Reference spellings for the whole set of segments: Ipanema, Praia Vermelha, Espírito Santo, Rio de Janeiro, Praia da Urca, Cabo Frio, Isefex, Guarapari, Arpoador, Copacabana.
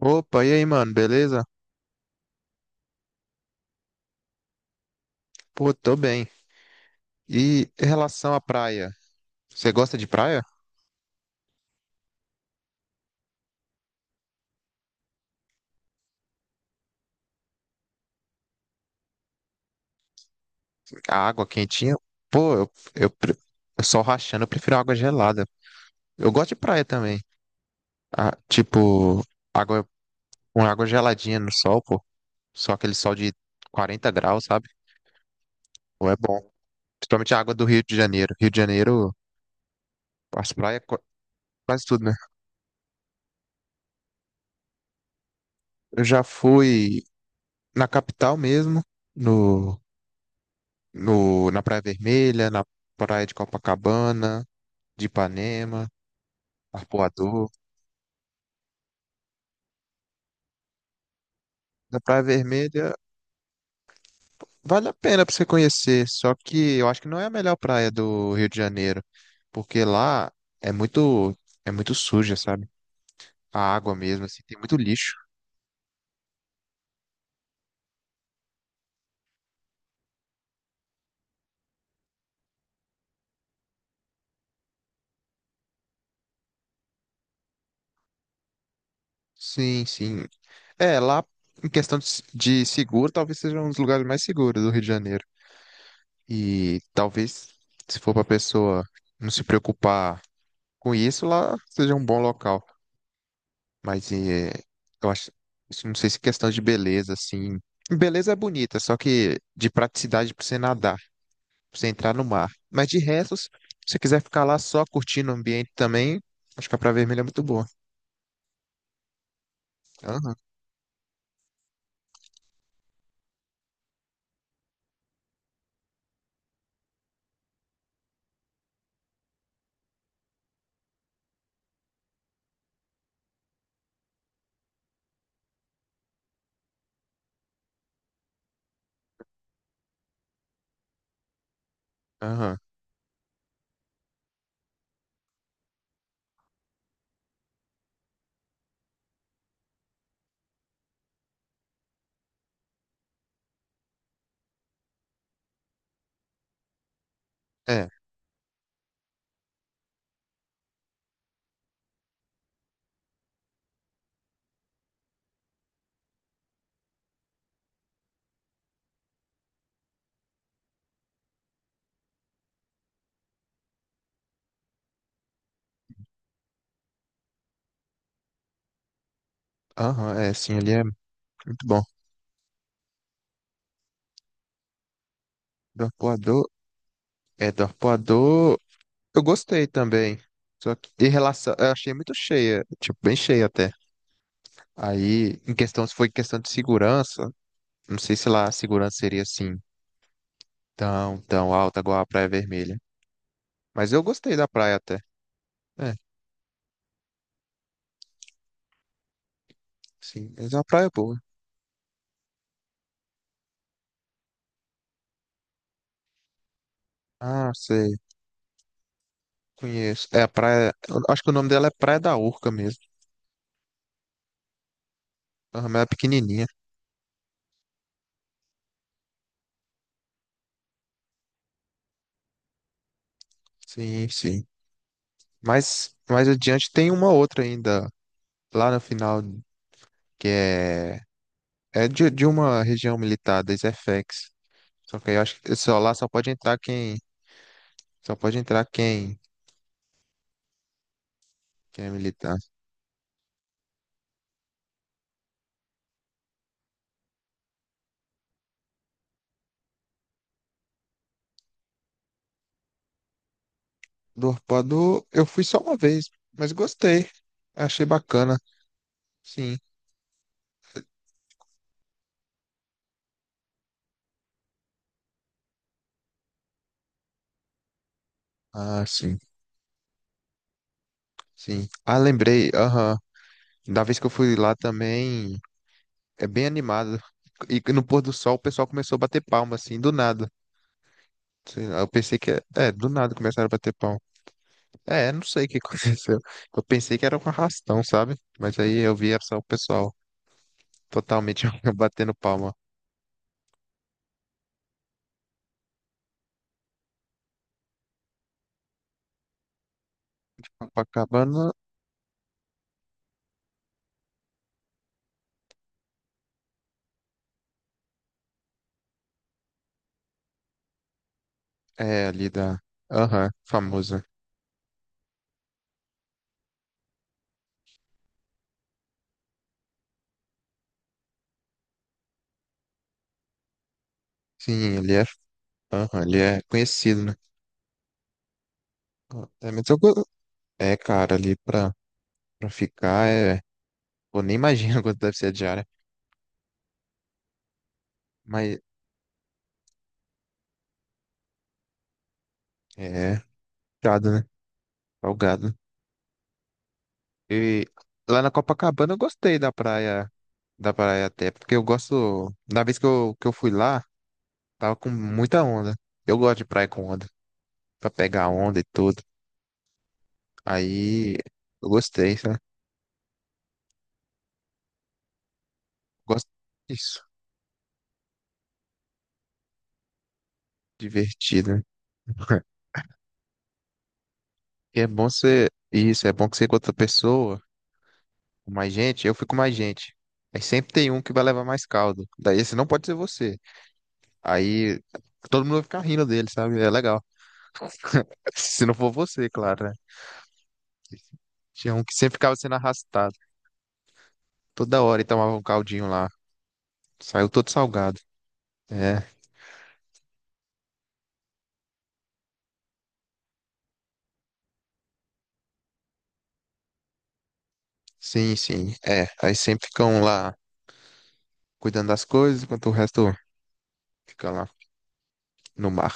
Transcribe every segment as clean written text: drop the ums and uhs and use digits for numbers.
Opa, e aí, mano, beleza? Pô, tô bem. E em relação à praia, você gosta de praia? A água quentinha? Pô, eu só rachando, eu prefiro água gelada. Eu gosto de praia também. Ah, tipo, água, uma água geladinha no sol, pô. Só aquele sol de 40 graus, sabe? Pô, é bom. Principalmente a água do Rio de Janeiro. Rio de Janeiro, as praias, quase tudo, né? Eu já fui na capital mesmo, no, no, na Praia Vermelha, na Praia de Copacabana. De Ipanema, Arpoador. Da Praia Vermelha, vale a pena para você conhecer, só que eu acho que não é a melhor praia do Rio de Janeiro, porque lá é muito, é muito suja, sabe? A água mesmo, assim, tem muito lixo. Sim, sim. É, lá em questão de, de seguro, talvez seja um dos lugares mais seguros do Rio de Janeiro. E talvez, se for para pessoa não se preocupar com isso, lá seja um bom local. Mas eu acho, isso não sei se é questão de beleza, assim. Beleza é bonita, só que de praticidade pra você nadar, pra você entrar no mar. Mas de resto, se você quiser ficar lá só curtindo o ambiente também, acho que a Praia Vermelha é muito boa. Aham, aham. É, aham, é, sim, ali é muito bom. Do Arpoador, é, do Arpoador, eu gostei também. Só que em relação, eu achei muito cheia, tipo, bem cheia até. Aí, em questão, se foi questão de segurança, não sei se lá a segurança seria assim tão, tão alta igual a Praia Vermelha. Mas eu gostei da praia até. É, sim, mas é uma praia boa. Ah, sei, conheço. É a praia, eu acho que o nome dela é Praia da Urca mesmo. Aham, mas é pequenininha. Sim, sim. Mas mais adiante tem uma outra ainda, lá no final, que é, é de uma região militar, da Isefex. Só que aí eu acho que só, lá só pode entrar quem, só pode entrar quem, quem é militar. Do Arpoador, eu fui só uma vez, mas gostei. Achei bacana. Sim. Ah, sim, sim. Ah, lembrei, aham. Da vez que eu fui lá também, é bem animado. E no pôr do sol o pessoal começou a bater palma, assim, do nada. Sei lá, eu pensei que, é, é, do nada começaram a bater palma. É, não sei o que aconteceu. Eu pensei que era um arrastão, sabe? Mas aí eu vi só o pessoal totalmente batendo palma. Copacabana é ali da, aham, famosa. Sim, ele é, aham, ele é conhecido, né? É, mas eu, é, cara, ali pra, pra ficar é. Pô, nem imagino quanto deve ser a diária. Mas é gado, né? Salgado. E lá na Copacabana eu gostei da praia até, porque eu gosto. Na vez que eu fui lá, tava com muita onda. Eu gosto de praia com onda, pra pegar onda e tudo. Aí eu gostei, sabe? Gosto disso. Divertido, né? E é bom ser. Isso, é bom que você com outra pessoa, com mais gente, eu fico com mais gente. Aí sempre tem um que vai levar mais caldo. Daí esse não pode ser você. Aí todo mundo vai ficar rindo dele, sabe? É legal. Se não for você, claro, né? Tinha um que sempre ficava sendo arrastado. Toda hora e tomava um caldinho lá. Saiu todo salgado. É, sim, sim. É, aí sempre ficam lá cuidando das coisas, enquanto o resto fica lá no mar.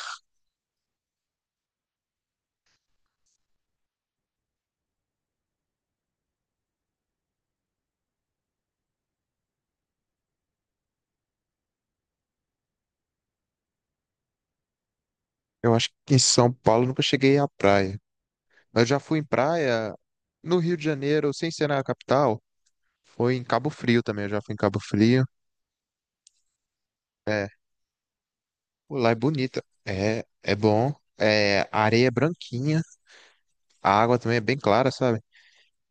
Eu acho que em São Paulo eu nunca cheguei à praia. Eu já fui em praia no Rio de Janeiro, sem ser na capital. Foi em Cabo Frio também, eu já fui em Cabo Frio. É, pô, lá é bonita. É, é bom. É, a areia é branquinha. A água também é bem clara, sabe?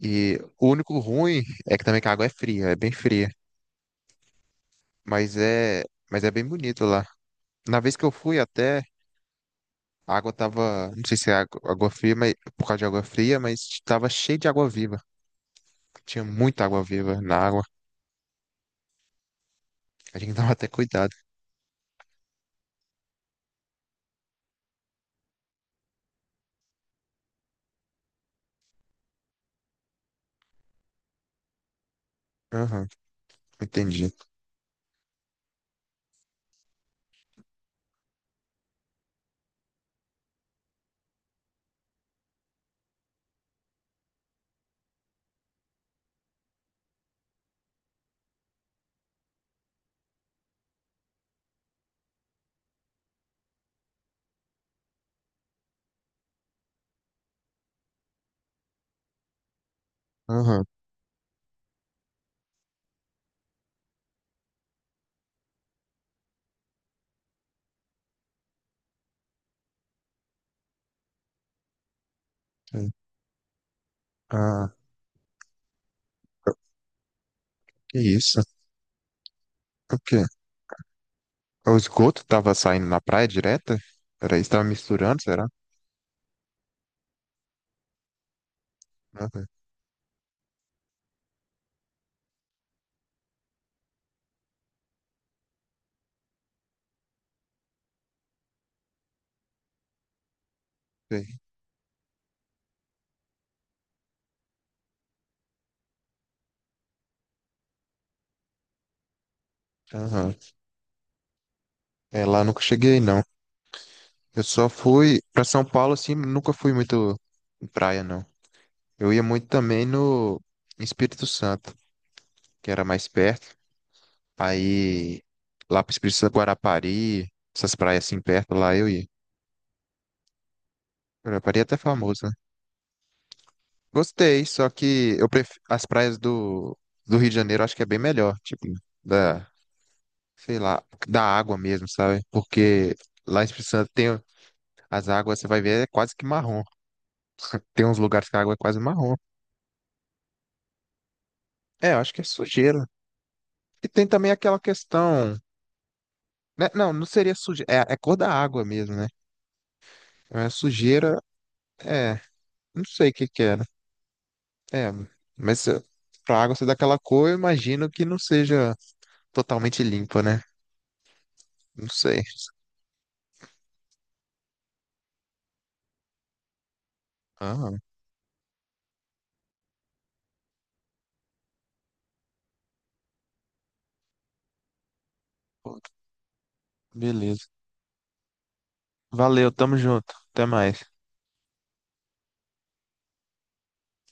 E o único ruim é que também que a água é fria, é bem fria. Mas é, mas é bem bonito lá. Na vez que eu fui até, a água tava, não sei se é água, água fria, mas por causa de água fria, mas tava cheio de água viva. Tinha muita água viva na água. A gente tava até cuidado. Aham, entendi. Aham. Sim. Ah, que isso? O quê? O esgoto tava saindo na praia direta? Era isso, tava misturando, será? Aham. Sei. Aham. É, lá eu nunca cheguei, não. Eu só fui pra São Paulo, assim, nunca fui muito em praia, não. Eu ia muito também no em Espírito Santo, que era mais perto. Aí, lá pro Espírito Santo, Guarapari, essas praias assim perto, lá eu ia. Guarapari é até famoso, né? Gostei, só que eu prefiro as praias do, do Rio de Janeiro, acho que é bem melhor, tipo, da, sei lá, da água mesmo, sabe? Porque lá em Espírito Santo tem as águas, você vai ver, é quase que marrom. Tem uns lugares que a água é quase marrom. É, eu acho que é sujeira. E tem também aquela questão, né? Não, não seria sujeira, é, é cor da água mesmo, né? É sujeira, é, não sei o que que era. É, mas pra água ser daquela cor, eu imagino que não seja totalmente limpa, né? Não sei. Ah, pô, beleza. Valeu, tamo junto. Até mais.